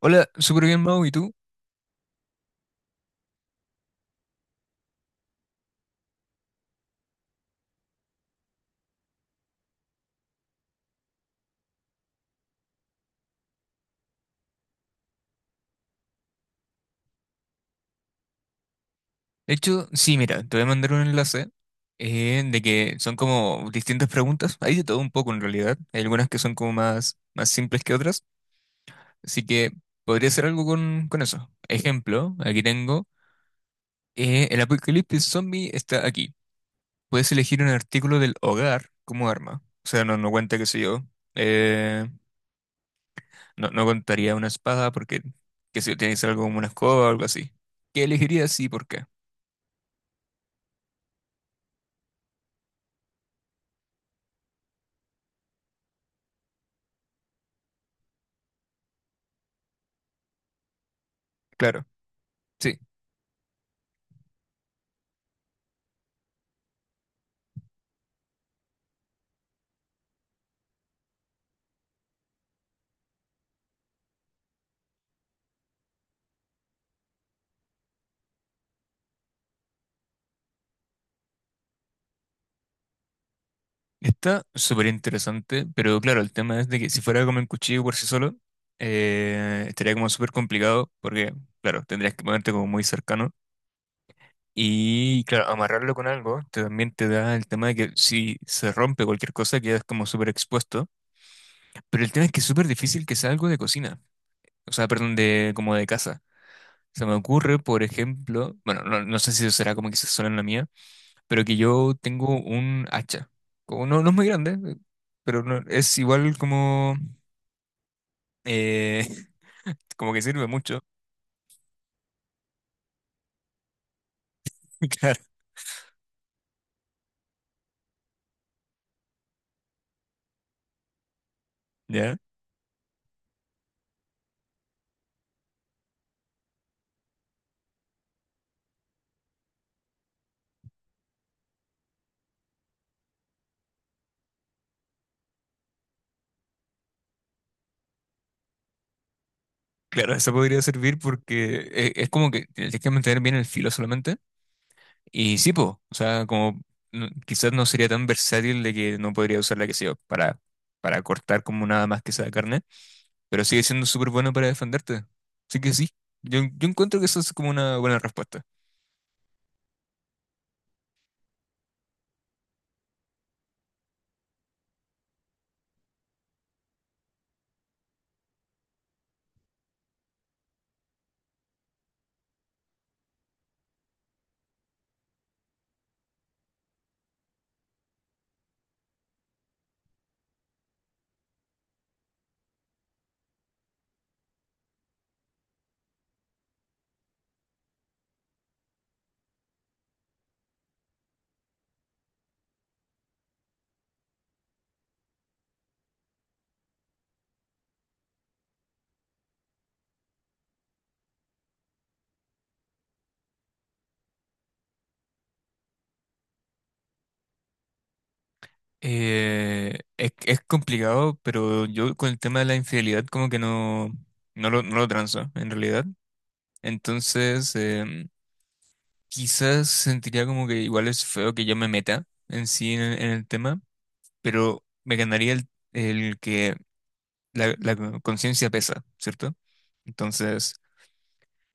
Hola, súper bien, Mau, ¿y tú? De hecho, sí, mira, te voy a mandar un enlace de que son como distintas preguntas. Hay de todo un poco en realidad. Hay algunas que son como más simples que otras. Así que podría hacer algo con eso. Ejemplo, aquí tengo, el apocalipsis zombie está aquí. Puedes elegir un artículo del hogar como arma. O sea, no, no cuenta, qué sé yo. eh, no, no contaría una espada porque, qué sé yo, tiene que ser algo como una escoba o algo así. ¿Qué elegirías y por qué? Claro. Sí. Está súper interesante, pero claro, el tema es de que si fuera como un cuchillo por sí solo, estaría como súper complicado porque, claro, tendrías que ponerte como muy cercano. Y claro, amarrarlo con algo también te da el tema de que si se rompe cualquier cosa quedas como súper expuesto. Pero el tema es que es súper difícil que sea algo de cocina, o sea, perdón, de como de casa. Se me ocurre, por ejemplo, bueno, no, no sé si eso será como que se suena en la mía, pero que yo tengo un hacha. Como no, no es muy grande, pero es igual como, eh, como que sirve mucho. Claro, ya. Claro, eso podría servir porque es, como que tienes que mantener bien el filo solamente. Y sí, po, o sea, como quizás no sería tan versátil de que no podría usarla, que sea para cortar como nada más que sea carne, pero sigue siendo súper bueno para defenderte. Así que sí, yo encuentro que eso es como una buena respuesta. Es complicado, pero yo con el tema de la infidelidad como que no, no lo transo, en realidad. Entonces, em, quizás sentiría como que igual es feo que yo me meta en sí en el tema, pero me ganaría el que la conciencia pesa, ¿cierto? Entonces,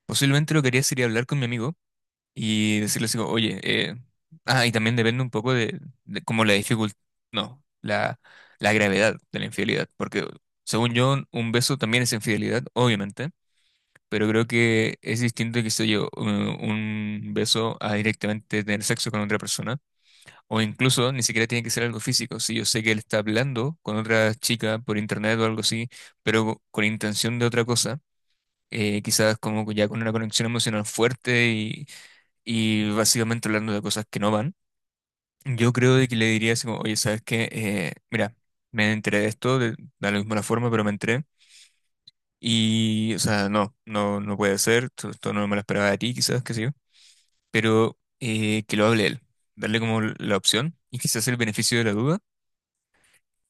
posiblemente lo que haría sería hablar con mi amigo y decirles, digo, oye, y también depende un poco de como la dificultad, no, la gravedad de la infidelidad, porque según yo, un beso también es infidelidad, obviamente, pero creo que es distinto que sé yo, un beso a directamente tener sexo con otra persona, o incluso ni siquiera tiene que ser algo físico, si yo sé que él está hablando con otra chica por internet o algo así, pero con intención de otra cosa. Quizás como ya con una conexión emocional fuerte y básicamente hablando de cosas que no van, yo creo de que le diría así como, oye, ¿sabes qué? Mira, me enteré de esto, da lo mismo la forma, pero me enteré. Y, o sea, no, no, no puede ser, esto no me lo esperaba de ti, quizás, qué sé yo, pero que lo hable él, darle como la opción y quizás el beneficio de la duda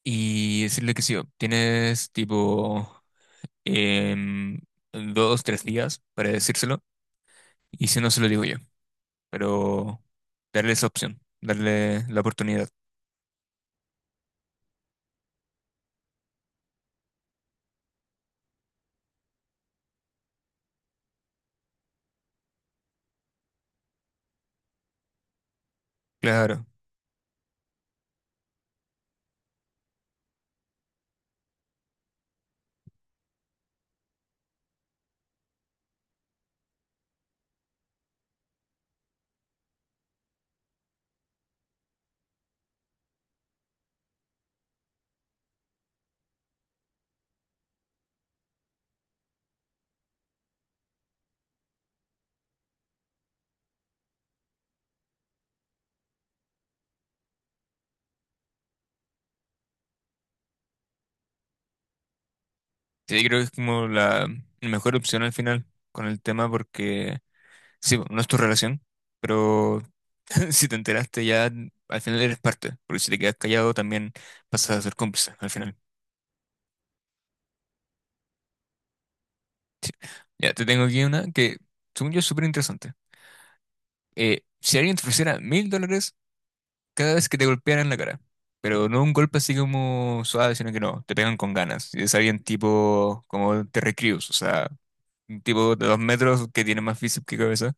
y decirle que sí, "Oh, tienes tipo em, dos, tres días para decírselo y si no se lo digo yo, pero darle esa opción, darle la oportunidad. Claro, sí, creo que es como la mejor opción al final con el tema porque, sí, no es tu relación, pero si te enteraste ya, al final eres parte, porque si te quedas callado también pasas a ser cómplice al final. Ya, te tengo aquí una que, según yo, es súper interesante. Si alguien te ofreciera mil dólares cada vez que te golpearan la cara, pero no un golpe así como suave, sino que no, te pegan con ganas, y es alguien tipo como Terry Crews, o sea, un tipo de dos metros que tiene más físico que cabeza.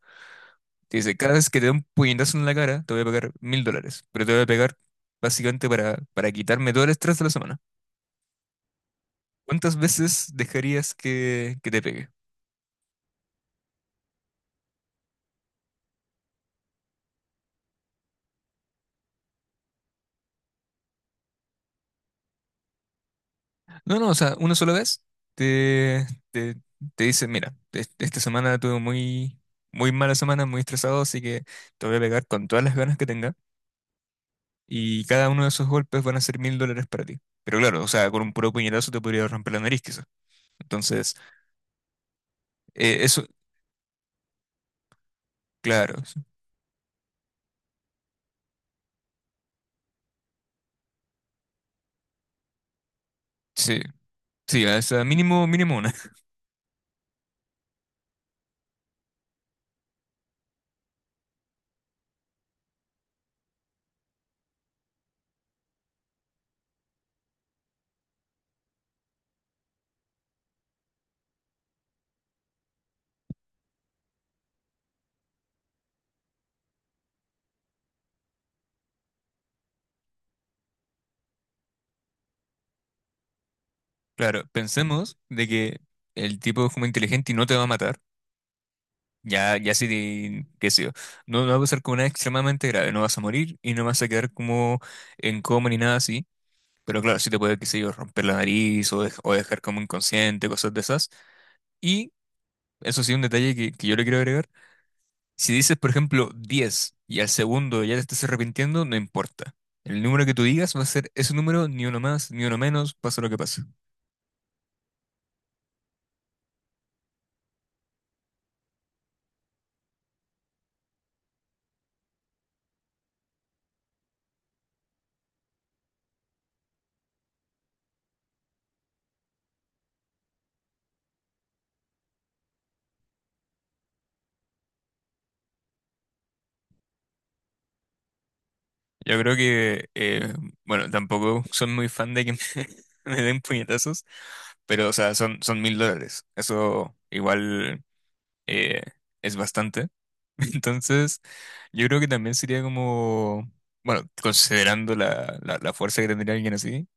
Te dice, cada vez que te dé un puñetazo en la cara, te voy a pagar mil dólares, pero te voy a pegar básicamente para, quitarme todo el estrés de la semana. ¿Cuántas veces dejarías que te pegue? No, no, o sea, una sola vez te, te, te dice, mira, esta semana tuve muy, muy mala semana, muy estresado, así que te voy a pegar con todas las ganas que tenga y cada uno de esos golpes van a ser mil dólares para ti. Pero claro, o sea, con un puro puñetazo te podría romper la nariz quizás. Entonces, eso, claro, sí, sí, o sea, mínimo, mínimo una. Claro, pensemos de que el tipo es como inteligente y no te va a matar. Ya, ya sí, qué sé yo. No, no va a pasar como nada extremadamente grave. No vas a morir y no vas a quedar como en coma ni nada así. Pero claro, sí te puede, qué sé yo, romper la nariz o, o dejar como inconsciente, cosas de esas. Y eso sí, un detalle que yo le quiero agregar. Si dices, por ejemplo, 10 y al segundo ya te estás arrepintiendo, no importa. El número que tú digas va a ser ese número, ni uno más, ni uno menos, pasa lo que pase. Yo creo que, bueno, tampoco soy muy fan de que me den puñetazos, pero, o sea, son mil dólares. Eso igual eh, es bastante. Entonces, yo creo que también sería como, bueno, considerando la, fuerza que tendría alguien así,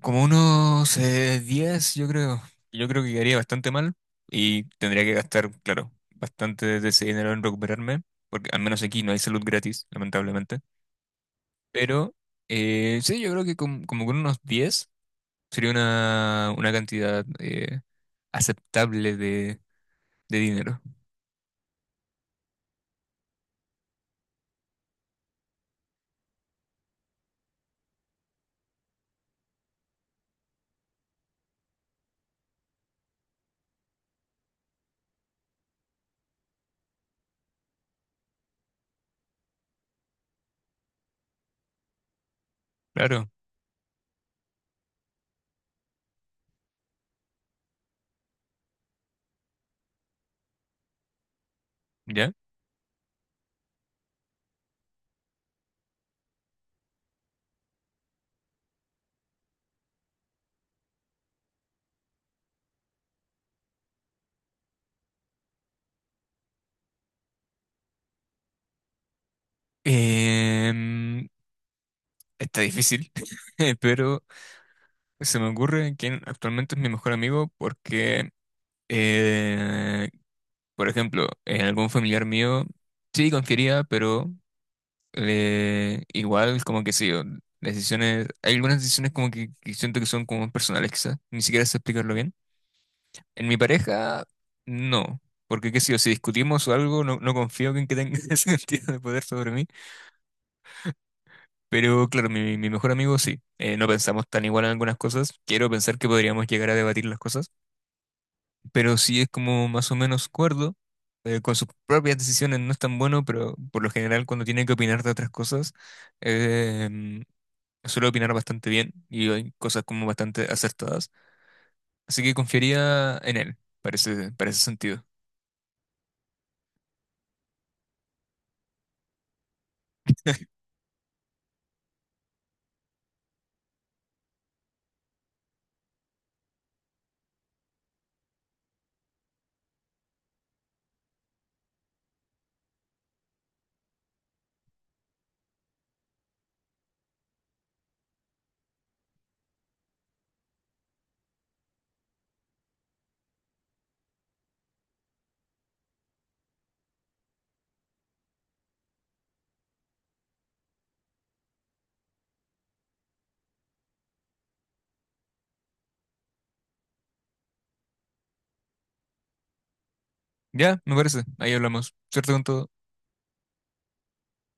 como unos 10, yo creo. Yo creo que quedaría bastante mal y tendría que gastar, claro, bastante de ese dinero en recuperarme, porque al menos aquí no hay salud gratis, lamentablemente. Pero sí, yo creo que como con unos 10 sería una cantidad aceptable de dinero. Claro, ¿ya? Em, está difícil, pero se me ocurre quién actualmente es mi mejor amigo porque, eh, por ejemplo, en algún familiar mío sí confiaría, pero igual como que sí, o decisiones, hay algunas decisiones como que siento que son como personales quizás, ni siquiera sé explicarlo bien. En mi pareja, no. Porque qué sé yo, si discutimos o algo, no, no confío en que tenga ese sentido de poder sobre mí. Pero claro, mi mejor amigo sí. No pensamos tan igual en algunas cosas. Quiero pensar que podríamos llegar a debatir las cosas. Pero sí es como más o menos cuerdo. Con sus propias decisiones no es tan bueno, pero por lo general cuando tiene que opinar de otras cosas, eh, suele opinar bastante bien y hay cosas como bastante acertadas. Así que confiaría en él, parece, para ese sentido. Ya, me parece. Ahí hablamos. Cierto con todo.